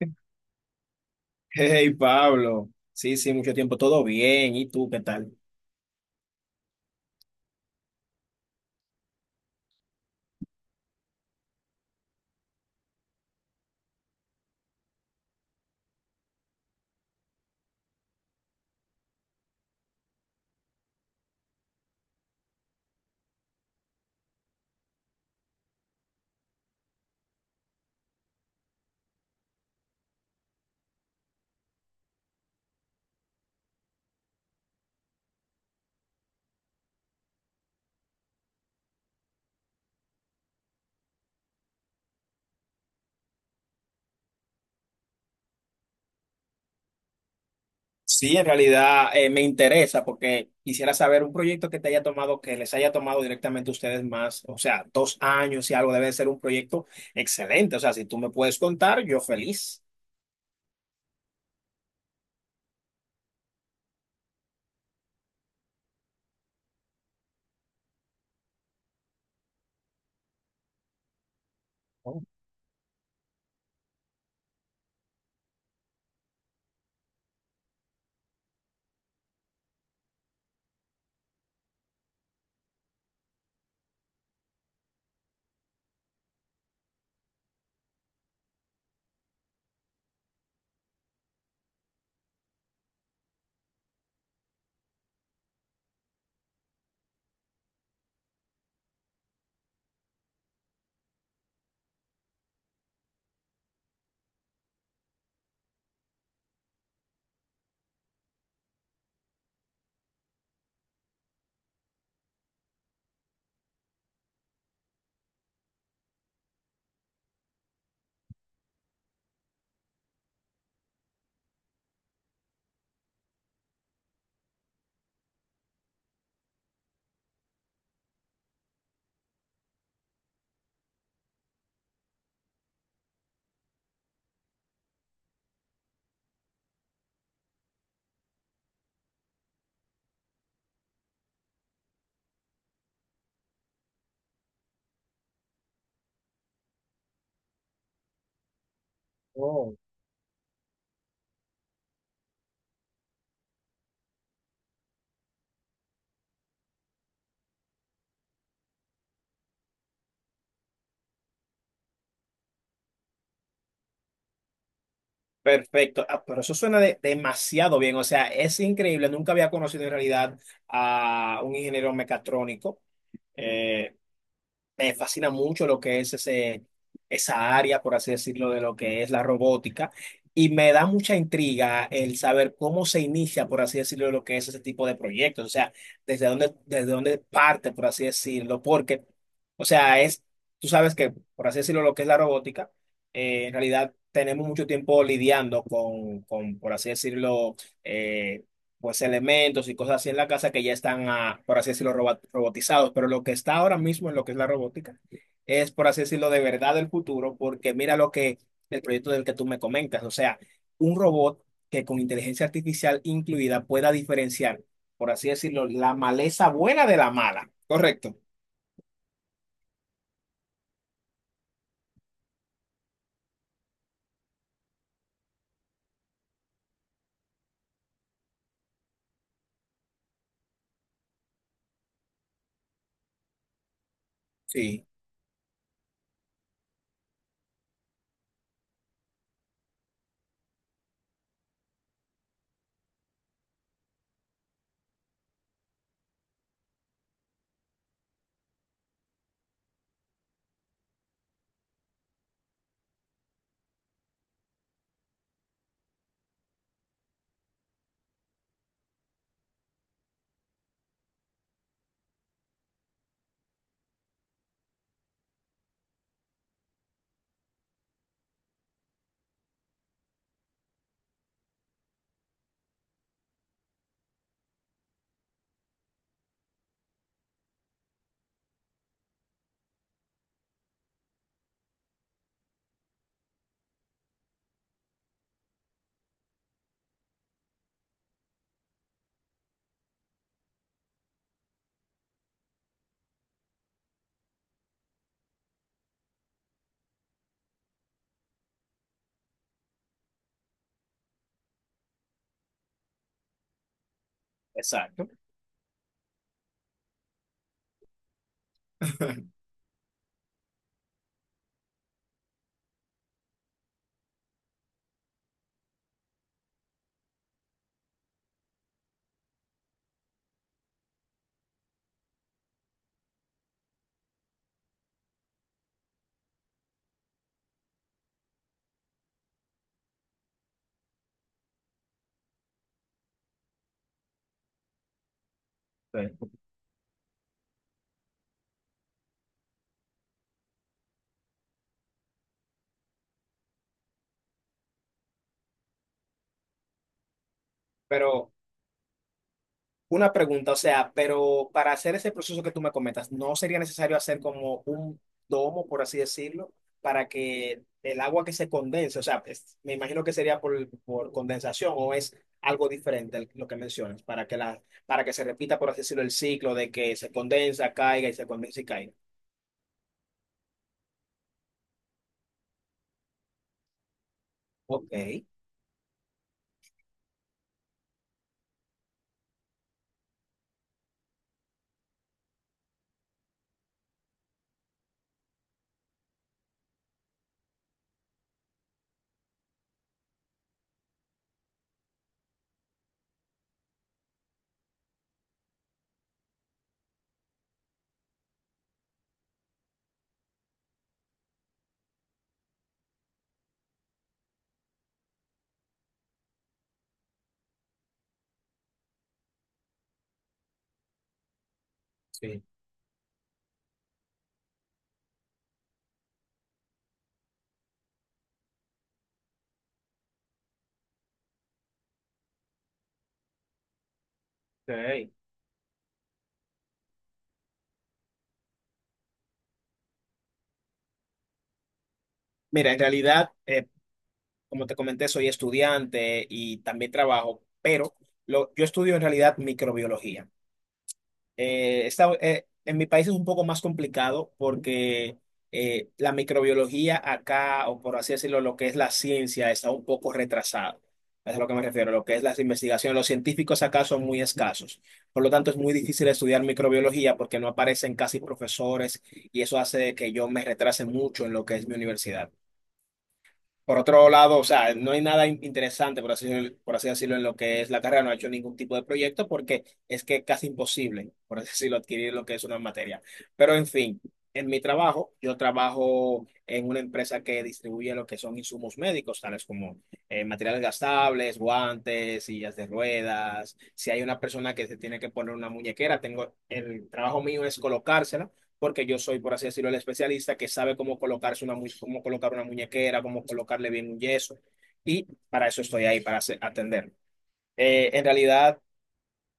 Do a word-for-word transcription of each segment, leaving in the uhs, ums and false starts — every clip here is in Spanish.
Hey, Pablo. Sí, sí, mucho tiempo. Todo bien. ¿Y tú qué tal? Sí, en realidad eh, me interesa porque quisiera saber un proyecto que te haya tomado, que les haya tomado directamente a ustedes más, o sea, dos años y algo, debe ser un proyecto excelente. O sea, si tú me puedes contar, yo feliz. Oh, oh. Perfecto. Ah, pero eso suena de- demasiado bien. O sea, es increíble. Nunca había conocido en realidad a un ingeniero mecatrónico. eh, Me fascina mucho lo que es ese, esa área, por así decirlo, de lo que es la robótica. Y me da mucha intriga el saber cómo se inicia, por así decirlo, lo que es ese tipo de proyectos. O sea, desde dónde, desde dónde parte, por así decirlo. Porque, o sea, es, tú sabes que, por así decirlo, lo que es la robótica, eh, en realidad tenemos mucho tiempo lidiando con, con, por así decirlo, eh, pues elementos y cosas así en la casa que ya están, ah, por así decirlo, roba- robotizados. Pero lo que está ahora mismo en lo que es la robótica es, por así decirlo, de verdad el futuro, porque mira lo que el proyecto del que tú me comentas, o sea, un robot que con inteligencia artificial incluida pueda diferenciar, por así decirlo, la maleza buena de la mala. Correcto. Sí, exacto. Sí. Pero una pregunta, o sea, pero para hacer ese proceso que tú me comentas, ¿no sería necesario hacer como un domo, por así decirlo, para que el agua que se condense, o sea, es- me imagino que sería por, por condensación o es algo diferente el- lo que mencionas, para que la, para que se repita, por así decirlo, el ciclo de que se condensa, caiga y se condensa y caiga. Ok, sí. Ok. Mira, en realidad, eh, como te comenté, soy estudiante y también trabajo, pero lo, yo estudio en realidad microbiología. Eh, esta- eh, en mi país es un poco más complicado porque eh, la microbiología acá, o por así decirlo, lo que es la ciencia, está un poco retrasada. Es a lo que me refiero, lo que es las investigaciones. Los científicos acá son muy escasos. Por lo tanto, es muy difícil estudiar microbiología porque no aparecen casi profesores y eso hace que yo me retrase mucho en lo que es mi universidad. Por otro lado, o sea, no hay nada in- interesante, por así, por así decirlo, en lo que es la carrera, no ha hecho ningún tipo de proyecto porque es que es casi imposible, por así decirlo, adquirir lo que es una materia. Pero en fin, en mi trabajo, yo trabajo en una empresa que distribuye lo que son insumos médicos, tales como eh, materiales gastables, guantes, sillas de ruedas. Si hay una persona que se tiene que poner una muñequera, tengo, el trabajo mío es colocársela porque yo soy, por así decirlo, el especialista que sabe cómo colocarse una, mu- cómo colocar una muñequera, cómo colocarle bien un yeso. Y para eso estoy ahí, para hacer- atender. Eh, en realidad,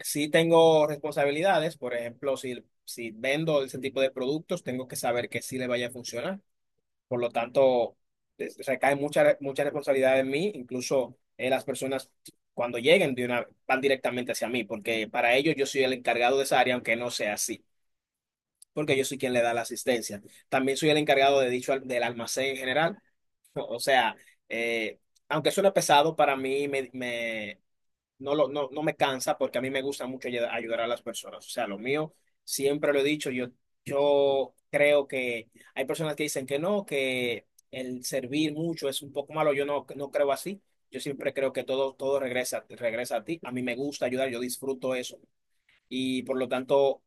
sí tengo responsabilidades. Por ejemplo, si, si vendo ese tipo de productos, tengo que saber que sí le vaya a funcionar. Por lo tanto, es- recae mucha, mucha responsabilidad en mí. Incluso eh, las personas, cuando lleguen, de una, van directamente hacia mí, porque para ellos yo soy el encargado de esa área, aunque no sea así porque yo soy quien le da la asistencia. También soy el encargado de dicho al- del almacén en general. O sea, eh, aunque suene pesado, para mí me, me- no, lo, no, no me cansa porque a mí me gusta mucho ayud- ayudar a las personas. O sea, lo mío, siempre lo he dicho, yo, yo creo que hay personas que dicen que no, que el servir mucho es un poco malo. Yo no, no creo así. Yo siempre creo que todo, todo regresa, regresa a ti. A mí me gusta ayudar, yo disfruto eso. Y por lo tanto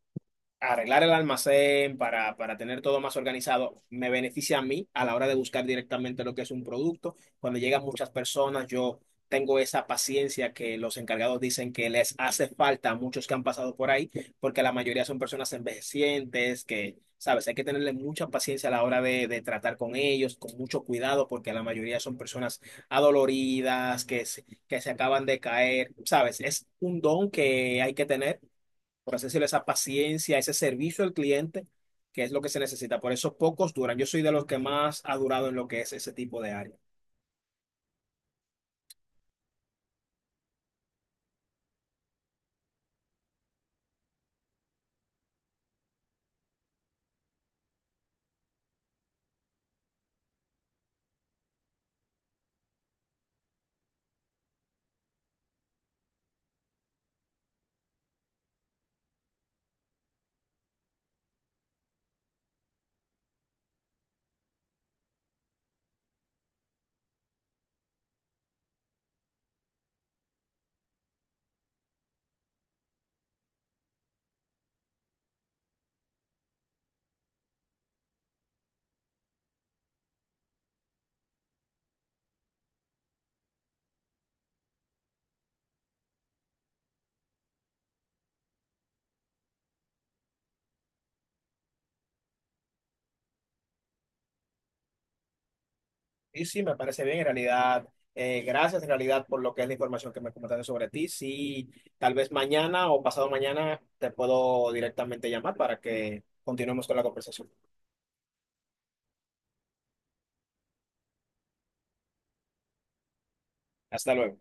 arreglar el almacén para, para tener todo más organizado, me beneficia a mí a la hora de buscar directamente lo que es un producto. Cuando llegan muchas personas, yo tengo esa paciencia que los encargados dicen que les hace falta a muchos que han pasado por ahí, porque la mayoría son personas envejecientes, que, sabes, hay que tenerle mucha paciencia a la hora de, de tratar con ellos, con mucho cuidado, porque la mayoría son personas adoloridas, que, se- que se acaban de caer, sabes, es un don que hay que tener por así decirlo, esa paciencia, ese servicio al cliente, que es lo que se necesita. Por eso pocos duran. Yo soy de los que más ha durado en lo que es ese tipo de área. Y sí, me parece bien, en realidad. Eh, gracias, en realidad, por lo que es la información que me comentaste sobre ti. Sí, tal vez mañana o pasado mañana te puedo directamente llamar para que continuemos con la conversación. Hasta luego.